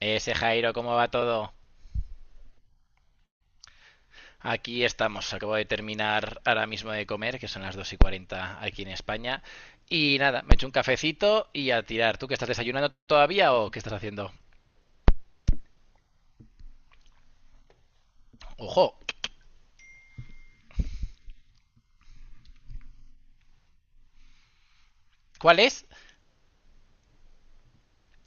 Ese Jairo, ¿cómo va todo? Aquí estamos, acabo de terminar ahora mismo de comer, que son las 2:40 aquí en España. Y nada, me echo un cafecito y a tirar. ¿Tú que estás desayunando todavía o qué estás haciendo? ¡Ojo! ¿Cuál es?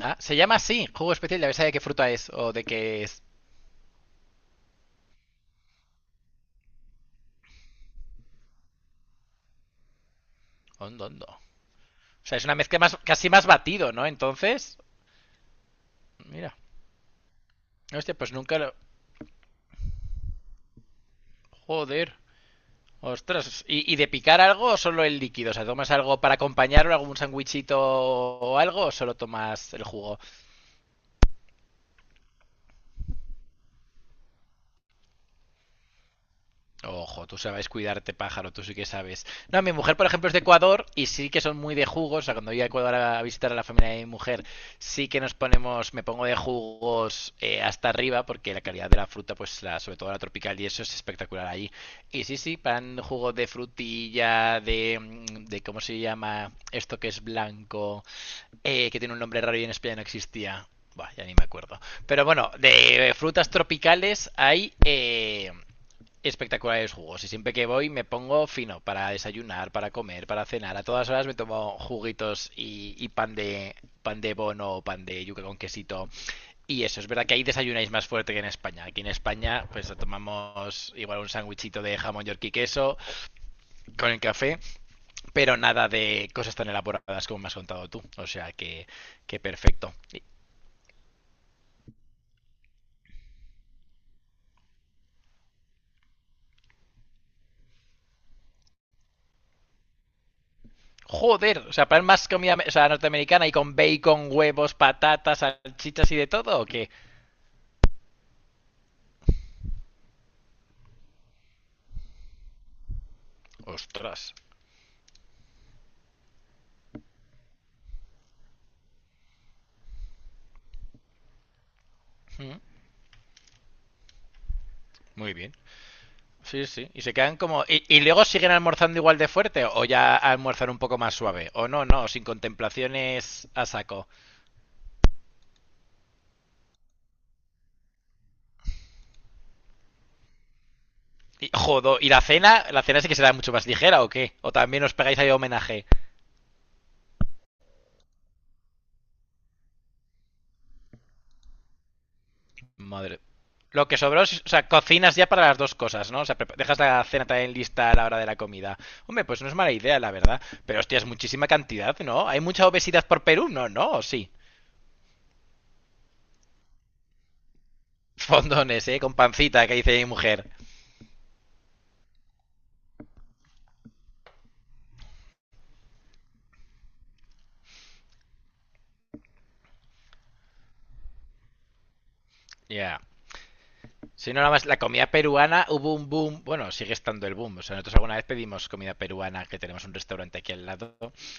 Ah, se llama así, jugo especial, ya sabes de qué fruta es o de qué es. Hondo, hondo. O sea, es una mezcla más, casi más batido, ¿no? Entonces, mira. Hostia, pues nunca lo. Joder. Ostras, ¿Y, de picar algo o solo el líquido? O sea, ¿tomas algo para acompañarlo, algún sándwichito o algo, o solo tomas el jugo? Ojo, tú sabes cuidarte, pájaro, tú sí que sabes. No, mi mujer, por ejemplo, es de Ecuador y sí que son muy de jugos. O sea, cuando voy a Ecuador a visitar a la familia de mi mujer, sí que nos ponemos, me pongo de jugos hasta arriba, porque la calidad de la fruta, pues la, sobre todo la tropical y eso es espectacular allí. Y sí, sí, pan, jugo de frutilla, de, ¿cómo se llama? Esto que es blanco. Que tiene un nombre raro y en España no existía. Buah, ya ni me acuerdo. Pero bueno, de frutas tropicales hay espectaculares jugos. Y siempre que voy me pongo fino para desayunar, para comer, para cenar. A todas horas me tomo juguitos y pan de bono o pan de yuca con quesito. Y eso, es verdad que ahí desayunáis más fuerte que en España. Aquí en España, pues tomamos igual un sándwichito de jamón york y queso con el café, pero nada de cosas tan elaboradas como me has contado tú. O sea que perfecto. Joder, o sea, para más comida o sea, norteamericana y con bacon, huevos, patatas, salchichas y de todo, ¿o qué? Ostras. Mm, muy bien. Sí, sí. Y se quedan como. ¿Y, luego siguen almorzando igual de fuerte o ya almorzan un poco más suave? O no, no, sin contemplaciones a saco. Y, jodo, ¿y la cena? ¿La cena sí que será mucho más ligera o qué? ¿O también os pegáis ahí homenaje? Madre. Lo que sobró, o sea, cocinas ya para las dos cosas, ¿no? O sea, dejas la cena también lista a la hora de la comida. Hombre, pues no es mala idea, la verdad. Pero hostia, es muchísima cantidad, ¿no? ¿Hay mucha obesidad por Perú? No, no, sí. Fondones, ¿eh? Con pancita, que dice mi mujer. Ya. Yeah. Si no, nada más la comida peruana hubo un boom, bueno, sigue estando el boom. O sea, nosotros alguna vez pedimos comida peruana, que tenemos un restaurante aquí al lado,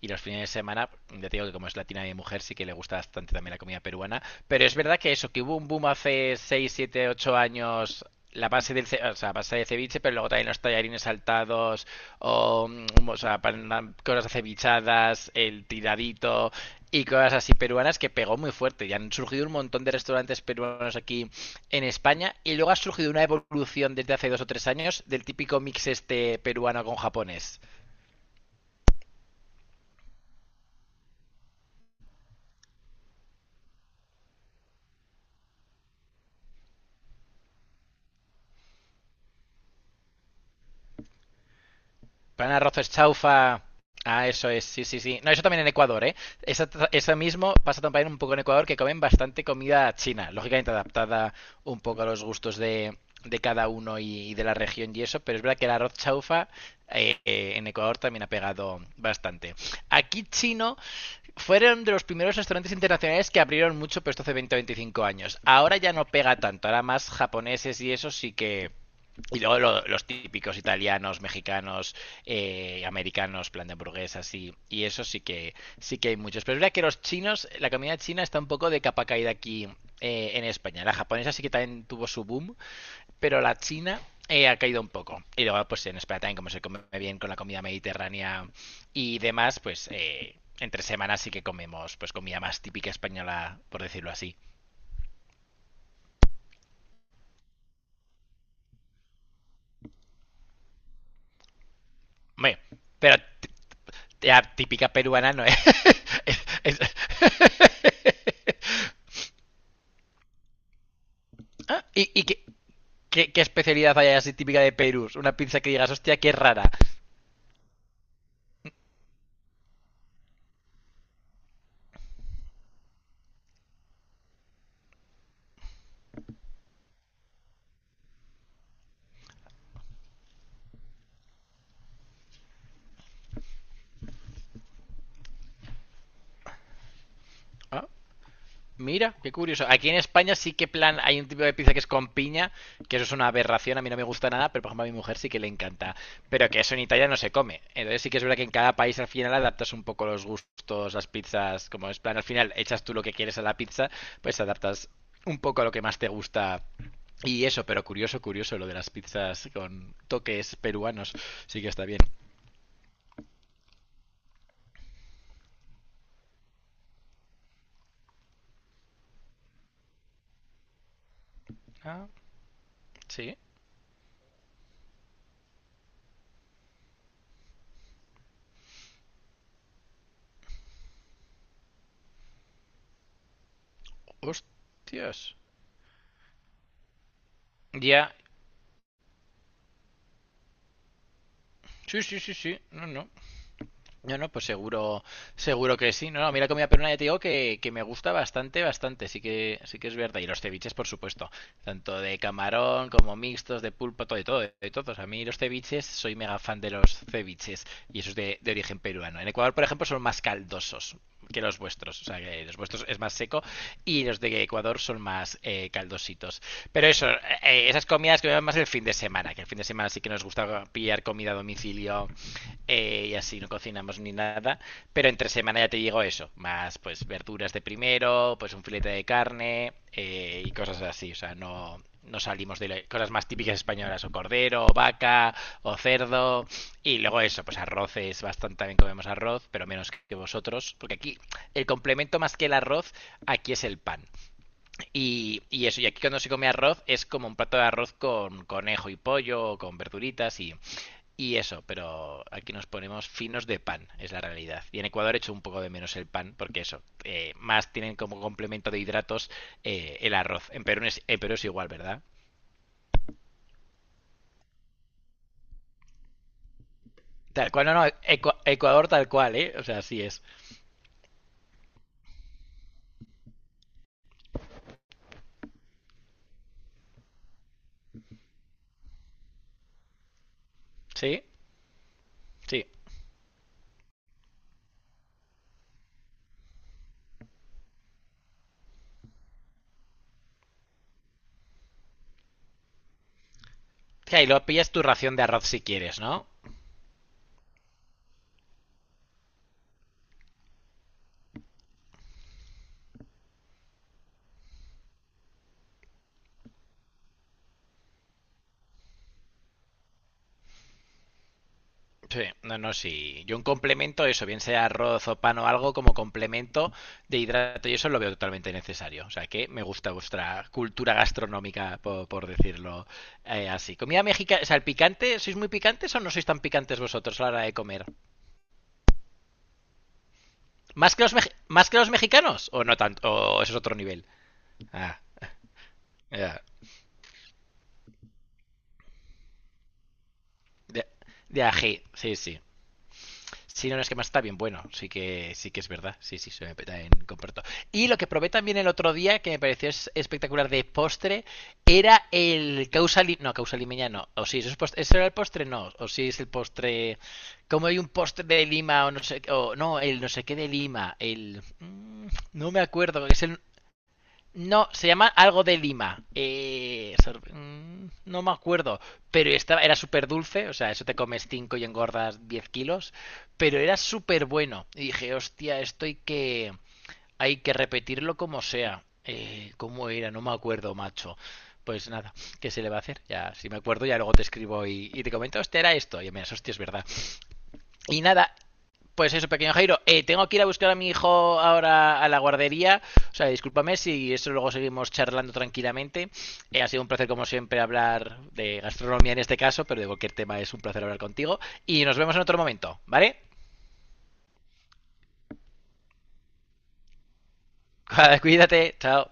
y los fines de semana, ya te digo que como es latina mi mujer, sí que le gusta bastante también la comida peruana. Pero es verdad que eso, que hubo un boom hace 6 7 8 años, la base del ce- o sea, base de ceviche, pero luego también los tallarines saltados, o sea, cosas acevichadas, el tiradito y cosas así peruanas que pegó muy fuerte. Y han surgido un montón de restaurantes peruanos aquí en España, y luego ha surgido una evolución desde hace 2 o 3 años del típico mix este peruano con japonés. Pan arroz es chaufa. Ah, eso es, sí, sí, sí. No, eso también en Ecuador, ¿eh? Eso mismo pasa también un poco en Ecuador, que comen bastante comida china, lógicamente adaptada un poco a los gustos de, cada uno y, de la región y eso, pero es verdad que el arroz chaufa en Ecuador también ha pegado bastante. Aquí chino fueron de los primeros restaurantes internacionales que abrieron mucho, pero esto hace 20 o 25 años. Ahora ya no pega tanto, ahora más japoneses y eso sí que. Y luego los típicos italianos, mexicanos, americanos, plan de hamburguesas, y eso sí que hay muchos. Pero es verdad que los chinos, la comida china está un poco de capa caída aquí en España. La japonesa sí que también tuvo su boom, pero la china ha caído un poco. Y luego, pues en España también, como se come bien con la comida mediterránea y demás, pues entre semanas sí que comemos pues comida más típica española, por decirlo así. Hombre, pero la típica peruana no es. es- es- Ah, ¿Y, qué especialidad hay así típica de Perú? Una pizza que digas, hostia, qué rara. Ah, mira, qué curioso. Aquí en España sí que plan hay un tipo de pizza que es con piña, que eso es una aberración, a mí no me gusta nada, pero por ejemplo a mi mujer sí que le encanta. Pero que eso en Italia no se come. Entonces sí que es verdad que en cada país al final adaptas un poco los gustos, las pizzas, como es plan al final echas tú lo que quieres a la pizza, pues adaptas un poco a lo que más te gusta. Y eso, pero curioso, curioso lo de las pizzas con toques peruanos. Sí que está bien. Ah, sí. Hostias. Ya. Sí, sí, sí, sí. No, no. No, no, pues seguro, seguro que sí. No, no, mira comida peruana ya te digo que me gusta bastante, bastante. Sí que es verdad. Y los ceviches, por supuesto. Tanto de camarón como mixtos, de pulpo, todo, de todos. A mí los ceviches, soy mega fan de los ceviches. Y eso es de origen peruano. En Ecuador, por ejemplo, son más caldosos que los vuestros. O sea, que los vuestros es más seco y los de Ecuador son más caldositos. Pero eso, esas comidas que me van más el fin de semana. Que el fin de semana sí que nos gusta pillar comida a domicilio, y así no cocinamos ni nada. Pero entre semana ya te digo eso, más pues verduras de primero, pues un filete de carne, y cosas así. O sea, no, no salimos de cosas más típicas españolas, o cordero, o vaca, o cerdo, y luego eso, pues arroces, bastante también comemos arroz, pero menos que vosotros, porque aquí el complemento más que el arroz, aquí es el pan. Y eso, y aquí cuando se come arroz es como un plato de arroz con conejo y pollo, o con verduritas, y eso, pero aquí nos ponemos finos de pan, es la realidad. Y en Ecuador hecho un poco de menos el pan, porque eso, más tienen como complemento de hidratos, el arroz. En Perú es igual, ¿verdad? Tal cual, no, no, Ecuador tal cual, ¿eh? O sea, así es. ¿Sí? Sí. Y ahí lo pillas tu ración de arroz si quieres, ¿no? Sí, no, no, sí. Yo un complemento, eso, bien sea arroz o pan o algo, como complemento de hidrato, y eso lo veo totalmente necesario. O sea que me gusta vuestra cultura gastronómica, por decirlo así. Comida mexicana, o sea, el picante, ¿sois muy picantes o no sois tan picantes vosotros a la hora de comer? ¿Más que los mexicanos? ¿O no tanto? ¿O eso es otro nivel? Ah, ya. De, de ají, sí, sí. Sí, no, no, es que más está bien bueno. Sí que es verdad. Sí, sí, se me peta en comparto. Y lo que probé también el otro día, que me pareció espectacular de postre, era el causa no, causa limeña no. O sí, eso, es postre, ¿eso era el postre? No. O sí, es el postre. Como hay un postre de Lima o no sé. O no, el no sé qué de Lima. El. No me acuerdo. Es el, no, se llama algo de Lima. No me acuerdo. Pero estaba, era súper dulce. O sea, eso te comes 5 y engordas 10 kilos. Pero era súper bueno. Y dije, hostia, esto hay que, repetirlo como sea. ¿Cómo era? No me acuerdo, macho. Pues nada, ¿qué se le va a hacer? Ya, si me acuerdo, ya luego te escribo, y te comento, hostia, era esto. Y me hostia, es verdad. Y nada, pues eso, pequeño Jairo. Tengo que ir a buscar a mi hijo ahora a la guardería. O sea, discúlpame si eso luego seguimos charlando tranquilamente. Ha sido un placer, como siempre, hablar de gastronomía en este caso, pero de cualquier tema es un placer hablar contigo. Y nos vemos en otro momento, ¿vale? Cuídate, chao.